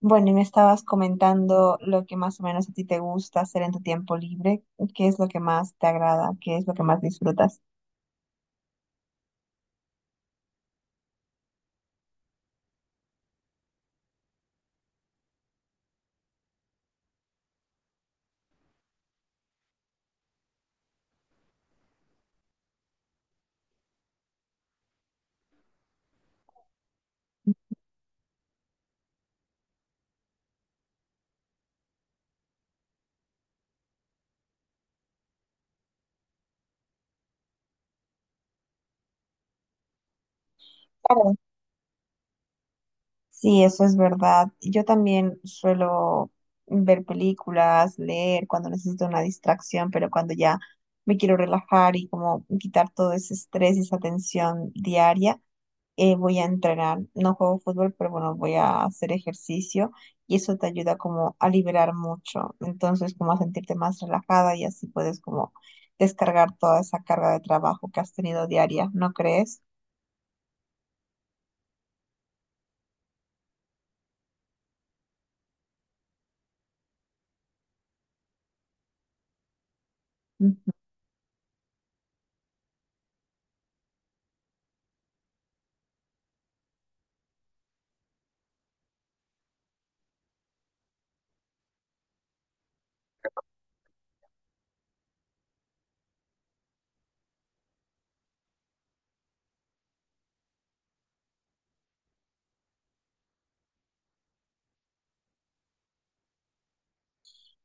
Bueno, y me estabas comentando lo que más o menos a ti te gusta hacer en tu tiempo libre, qué es lo que más te agrada, qué es lo que más disfrutas. Claro. Sí, eso es verdad. Yo también suelo ver películas, leer cuando necesito una distracción, pero cuando ya me quiero relajar y como quitar todo ese estrés y esa tensión diaria, voy a entrenar, no juego fútbol, pero bueno, voy a hacer ejercicio y eso te ayuda como a liberar mucho, entonces como a sentirte más relajada y así puedes como descargar toda esa carga de trabajo que has tenido diaria, ¿no crees? Ujú.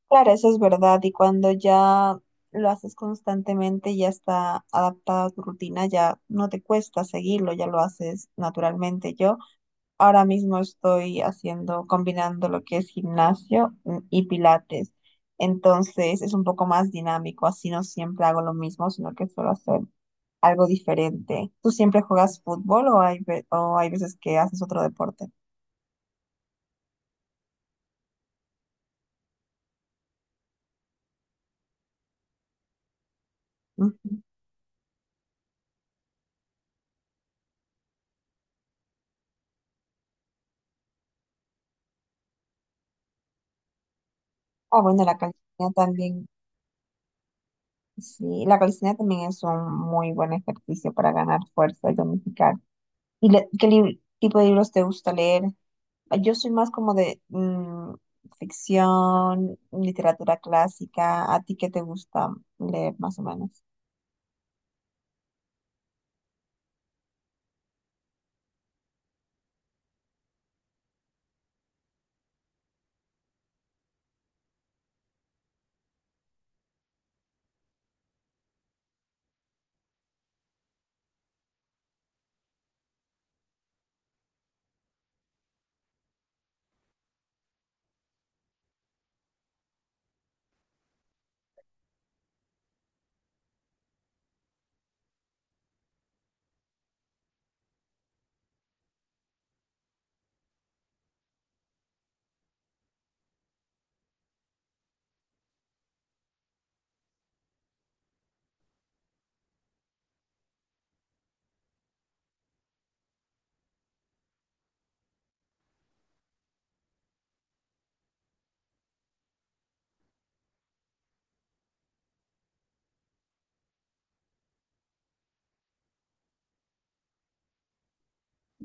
Claro, eso es verdad. Y cuando ya lo haces constantemente, ya está adaptada a tu rutina, ya no te cuesta seguirlo, ya lo haces naturalmente. Yo Ahora mismo estoy haciendo, combinando lo que es gimnasio y pilates. Entonces es un poco más dinámico, así no siempre hago lo mismo, sino que suelo hacer algo diferente. ¿Tú siempre juegas fútbol o o hay veces que haces otro deporte? Ujú. Ah, bueno, la calistenia también, sí, la calistenia también es un muy buen ejercicio para ganar fuerza y tonificar. ¿Y qué tipo de libros te gusta leer? Yo soy más como de ficción, literatura clásica. ¿A ti qué te gusta leer más o menos?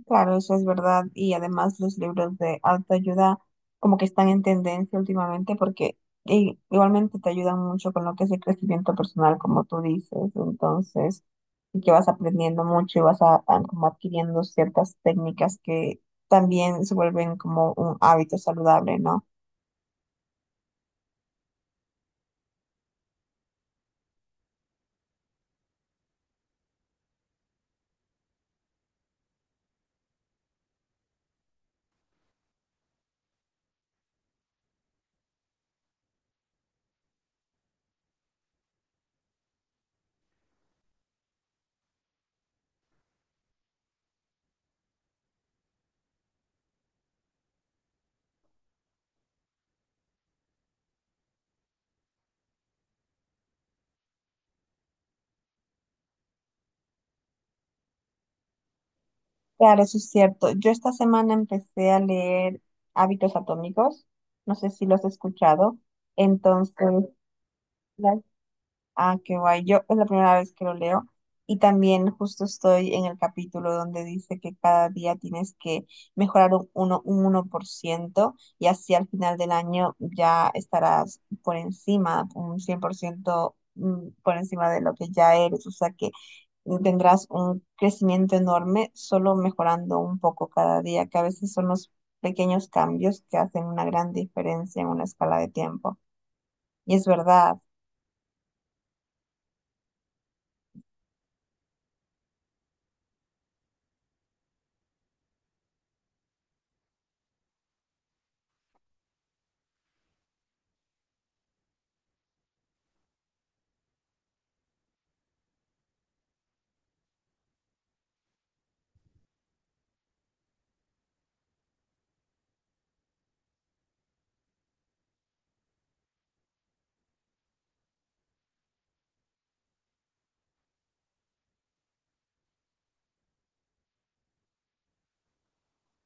Claro, eso es verdad. Y además los libros de autoayuda como que están en tendencia últimamente porque igualmente te ayudan mucho con lo que es el crecimiento personal, como tú dices. Entonces, y que vas aprendiendo mucho y vas como adquiriendo ciertas técnicas que también se vuelven como un hábito saludable, ¿no? Claro, eso es cierto. Yo esta semana empecé a leer Hábitos Atómicos, no sé si los has escuchado. Entonces, claro. Ah, qué guay. Yo es la primera vez que lo leo y también justo estoy en el capítulo donde dice que cada día tienes que mejorar un 1% y así al final del año ya estarás por encima, un 100% por encima de lo que ya eres. O sea que tendrás un crecimiento enorme solo mejorando un poco cada día, que a veces son los pequeños cambios que hacen una gran diferencia en una escala de tiempo. Y es verdad.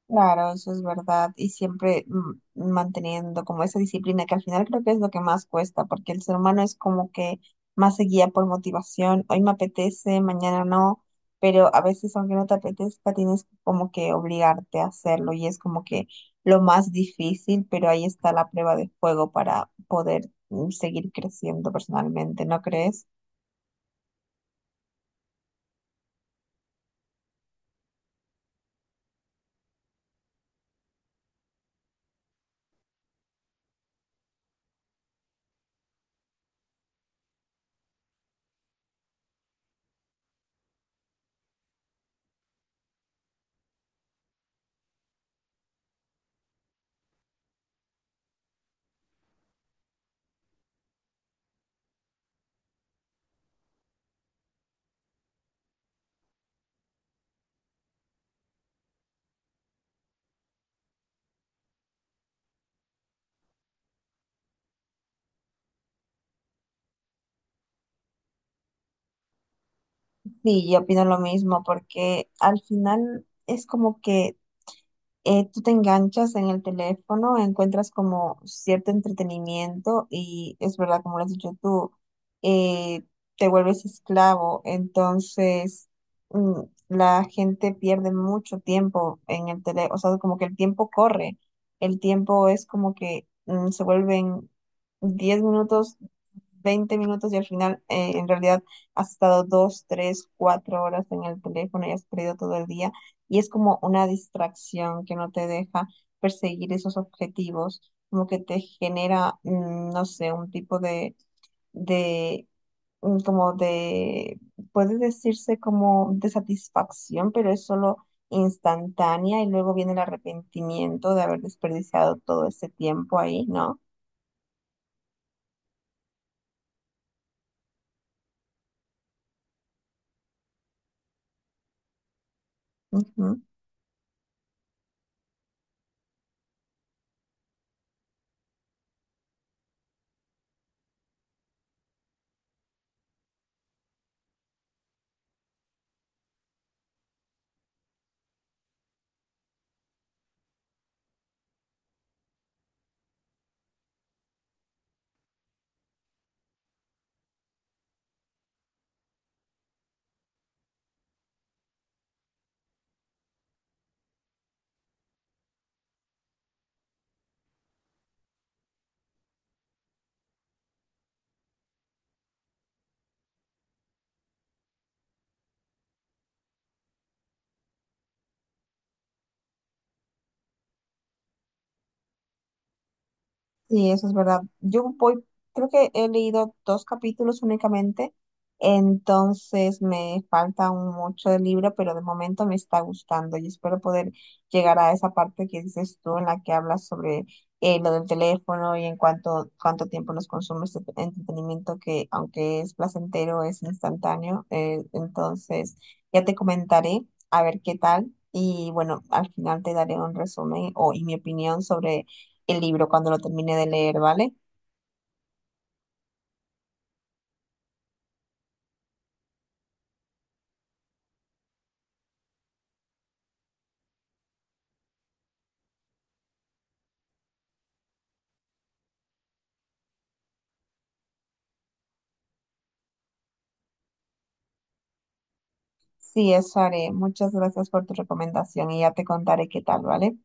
Claro, eso es verdad. Y siempre manteniendo como esa disciplina que al final creo que es lo que más cuesta, porque el ser humano es como que más se guía por motivación. Hoy me apetece, mañana no, pero a veces aunque no te apetezca, tienes como que obligarte a hacerlo y es como que lo más difícil, pero ahí está la prueba de fuego para poder seguir creciendo personalmente, ¿no crees? Sí, yo opino lo mismo, porque al final es como que tú te enganchas en el teléfono, encuentras como cierto entretenimiento y es verdad, como lo has dicho tú, eh, te vuelves esclavo, entonces mm, la gente pierde mucho tiempo en el teléfono, o sea, como que el tiempo corre, el tiempo es como que se vuelven 10 minutos, 20 minutos y al final, en realidad, has estado dos, tres, cuatro horas en el teléfono y has perdido todo el día, y es como una distracción que no te deja perseguir esos objetivos, como que te genera, no sé, un tipo de, de mm, como de, puede decirse como de satisfacción, pero es solo instantánea y luego viene el arrepentimiento de haber desperdiciado todo ese tiempo ahí, ¿no? Ujú. Sí, eso es verdad. Yo voy, creo que he leído dos capítulos únicamente, entonces me falta un mucho del libro, pero de momento me está gustando y espero poder llegar a esa parte que dices tú en la que hablas sobre lo del teléfono y en cuánto tiempo nos consume este entretenimiento que aunque es placentero, es instantáneo. Entonces ya te comentaré a ver qué tal y bueno, al final te daré un resumen o, y mi opinión sobre el libro cuando lo termine de leer, ¿vale? Sí, eso haré. Muchas gracias por tu recomendación y ya te contaré qué tal, ¿vale?